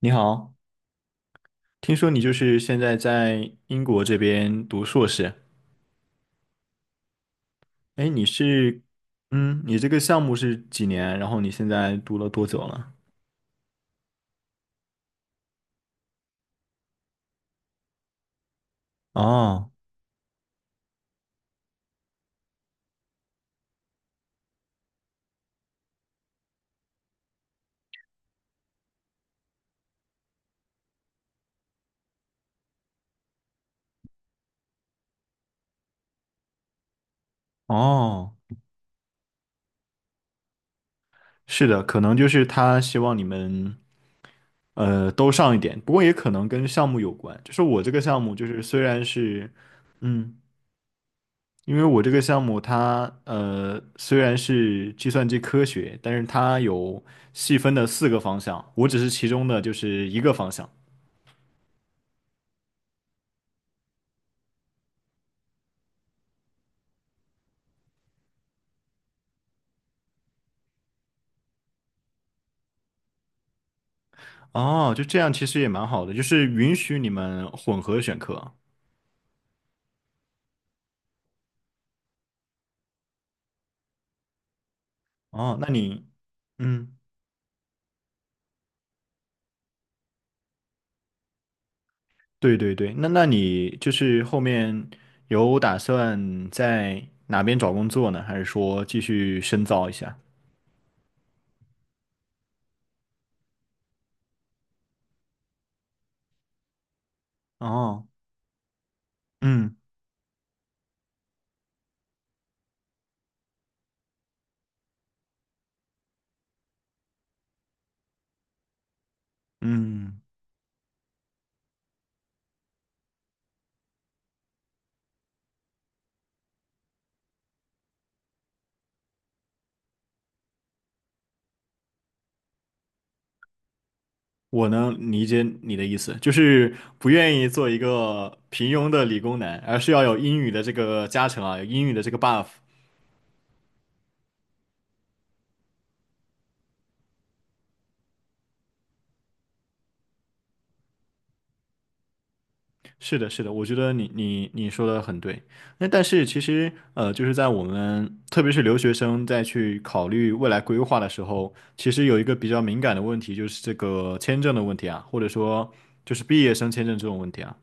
你好，听说你就是现在在英国这边读硕士，哎，你是，你这个项目是几年？然后你现在读了多久了？哦，哦，是的，可能就是他希望你们，都上一点，不过也可能跟项目有关。就是我这个项目，就是虽然是，嗯，因为我这个项目它，虽然是计算机科学，但是它有细分的四个方向，我只是其中的就是一个方向。哦，就这样其实也蛮好的，就是允许你们混合选课。哦，那你，嗯，对对对，那你就是后面有打算在哪边找工作呢？还是说继续深造一下？哦，嗯嗯，我能理解你的意思，就是不愿意做一个平庸的理工男，而是要有英语的这个加成啊，有英语的这个 buff。是的，是的，我觉得你说的很对。那但是其实，就是在我们特别是留学生在去考虑未来规划的时候，其实有一个比较敏感的问题，就是这个签证的问题啊，或者说就是毕业生签证这种问题啊。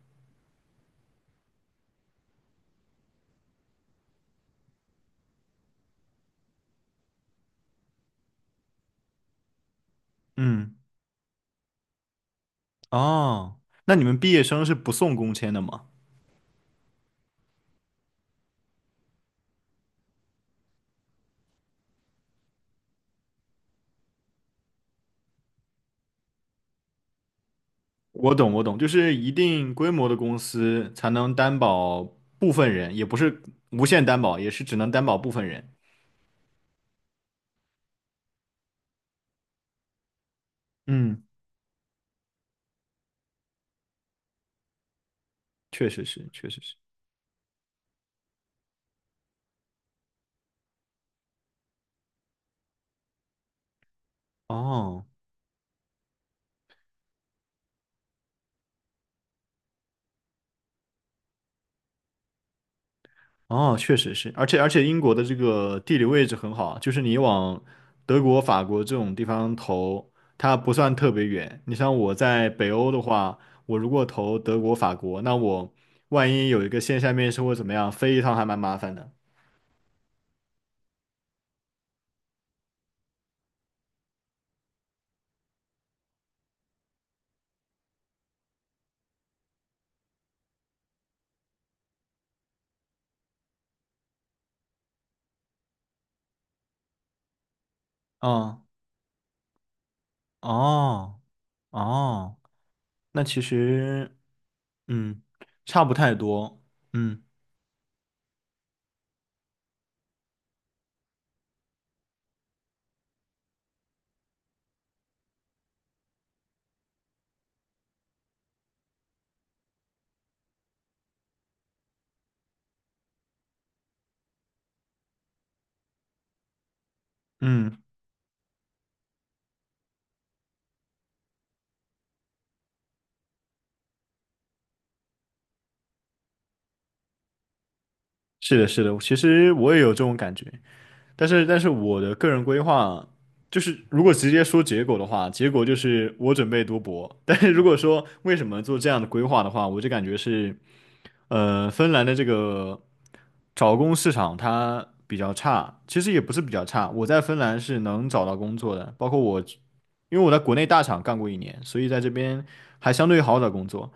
嗯，哦，那你们毕业生是不送工签的吗？我懂，我懂，就是一定规模的公司才能担保部分人，也不是无限担保，也是只能担保部分人。嗯，确实是，确实是。哦。哦，确实是，而且英国的这个地理位置很好，就是你往德国、法国这种地方投，它不算特别远。你像我在北欧的话，我如果投德国、法国，那我万一有一个线下面试或怎么样，飞一趟还蛮麻烦的。嗯，哦哦，那其实嗯，差不太多。嗯嗯，是的，是的，其实我也有这种感觉。但是我的个人规划就是，如果直接说结果的话，结果就是我准备读博。但是如果说为什么做这样的规划的话，我就感觉是，芬兰的这个找工市场它比较差，其实也不是比较差，我在芬兰是能找到工作的，包括我，因为我在国内大厂干过一年，所以在这边还相对好找工作。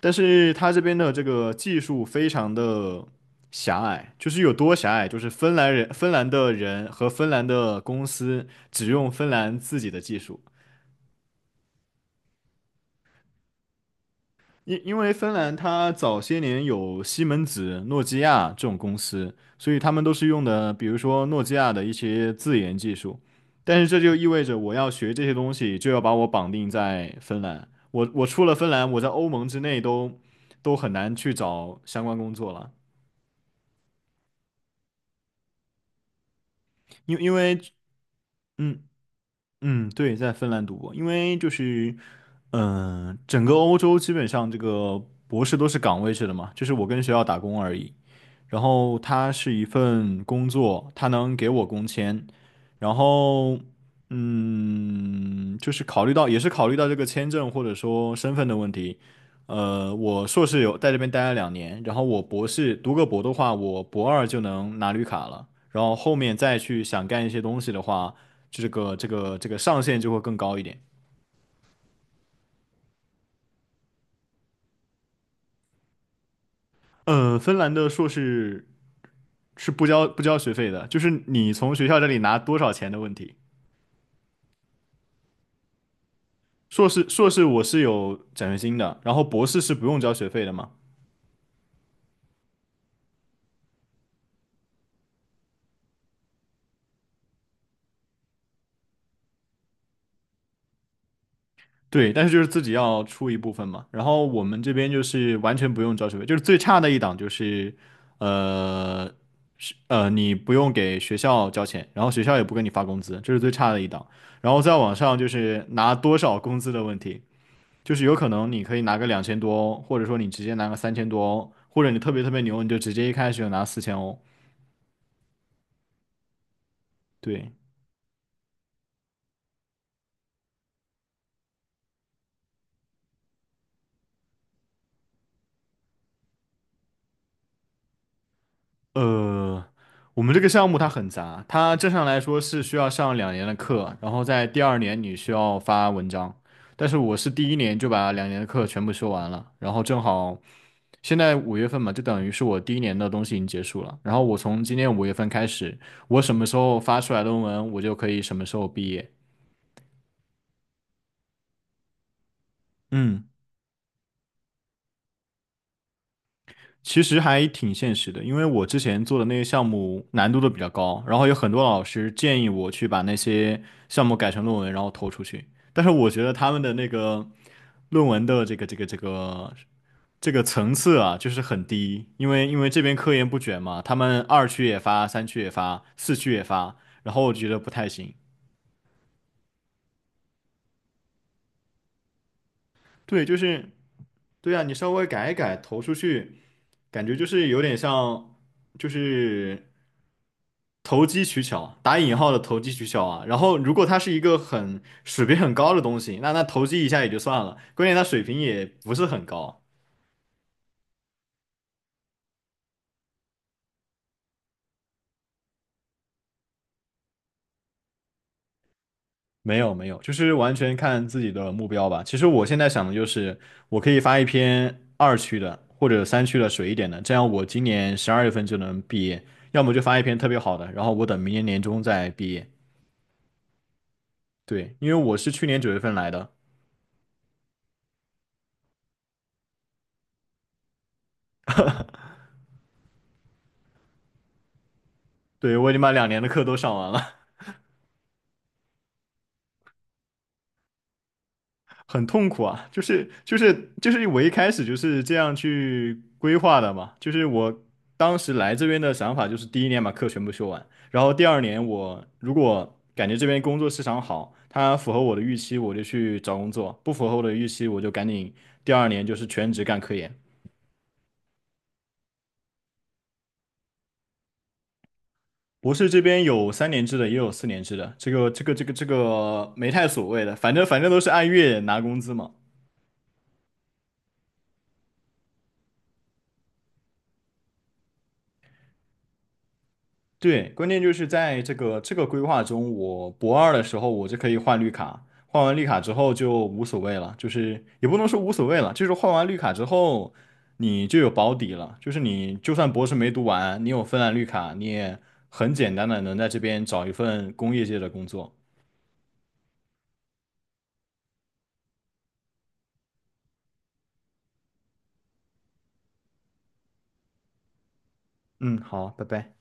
但是它这边的这个技术非常的狭隘，就是有多狭隘，就是芬兰人、芬兰的人和芬兰的公司只用芬兰自己的技术，因为芬兰它早些年有西门子、诺基亚这种公司，所以他们都是用的，比如说诺基亚的一些自研技术，但是这就意味着我要学这些东西，就要把我绑定在芬兰，我出了芬兰，我在欧盟之内都很难去找相关工作了。因为嗯嗯，对，在芬兰读博，因为就是，整个欧洲基本上这个博士都是岗位制的嘛，就是我跟学校打工而已。然后它是一份工作，它能给我工签，然后，就是考虑到，也是考虑到这个签证或者说身份的问题。我硕士有在这边待了两年，然后我博士读个博的话，我博二就能拿绿卡了。然后后面再去想干一些东西的话，就这个上限就会更高一点。嗯，芬兰的硕士是不交学费的，就是你从学校这里拿多少钱的问题。硕士我是有奖学金的，然后博士是不用交学费的嘛。对，但是就是自己要出一部分嘛。然后我们这边就是完全不用交学费，就是最差的一档就是，呃，是你不用给学校交钱，然后学校也不给你发工资，这是最差的一档。然后再往上就是拿多少工资的问题，就是有可能你可以拿个2000多欧或者说你直接拿个3000多欧或者你特别特别牛，你就直接一开始就拿4000哦，对。呃，我们这个项目它很杂，它正常来说是需要上两年的课，然后在第二年你需要发文章。但是我是第一年就把两年的课全部修完了，然后正好现在五月份嘛，就等于是我第一年的东西已经结束了。然后我从今年五月份开始，我什么时候发出来论文，我就可以什么时候毕业。嗯。其实还挺现实的，因为我之前做的那些项目难度都比较高，然后有很多老师建议我去把那些项目改成论文，然后投出去。但是我觉得他们的那个论文的这个层次啊，就是很低，因为这边科研不卷嘛，他们二区也发，三区也发，4区也发，然后我觉得不太行。对，就是对啊，你稍微改一改投出去，感觉就是有点像，就是。投机取巧，打引号的投机取巧啊。然后，如果它是一个很水平很高的东西，那投机一下也就算了，关键它水平也不是很高。没有没有，就是完全看自己的目标吧。其实我现在想的就是，我可以发一篇二区的或者三区的水一点的，这样我今年12月份就能毕业。要么就发一篇特别好的，然后我等明年年中再毕业。对，因为我是去年9月份来的，对，我已经把两年的课都上完了。很痛苦啊，就是我一开始就是这样去规划的嘛，就是我当时来这边的想法就是第一年把课全部修完，然后第二年我如果感觉这边工作市场好，它符合我的预期，我就去找工作；不符合我的预期，我就赶紧第二年就是全职干科研。博士这边有3年制的，也有4年制的，这个没太所谓的，反正都是按月拿工资嘛。对，关键就是在这个规划中，我博二的时候我就可以换绿卡，换完绿卡之后就无所谓了，就是也不能说无所谓了，就是换完绿卡之后你就有保底了，就是你就算博士没读完，你有芬兰绿卡，你也很简单的能在这边找一份工业界的工作。嗯，好，拜拜。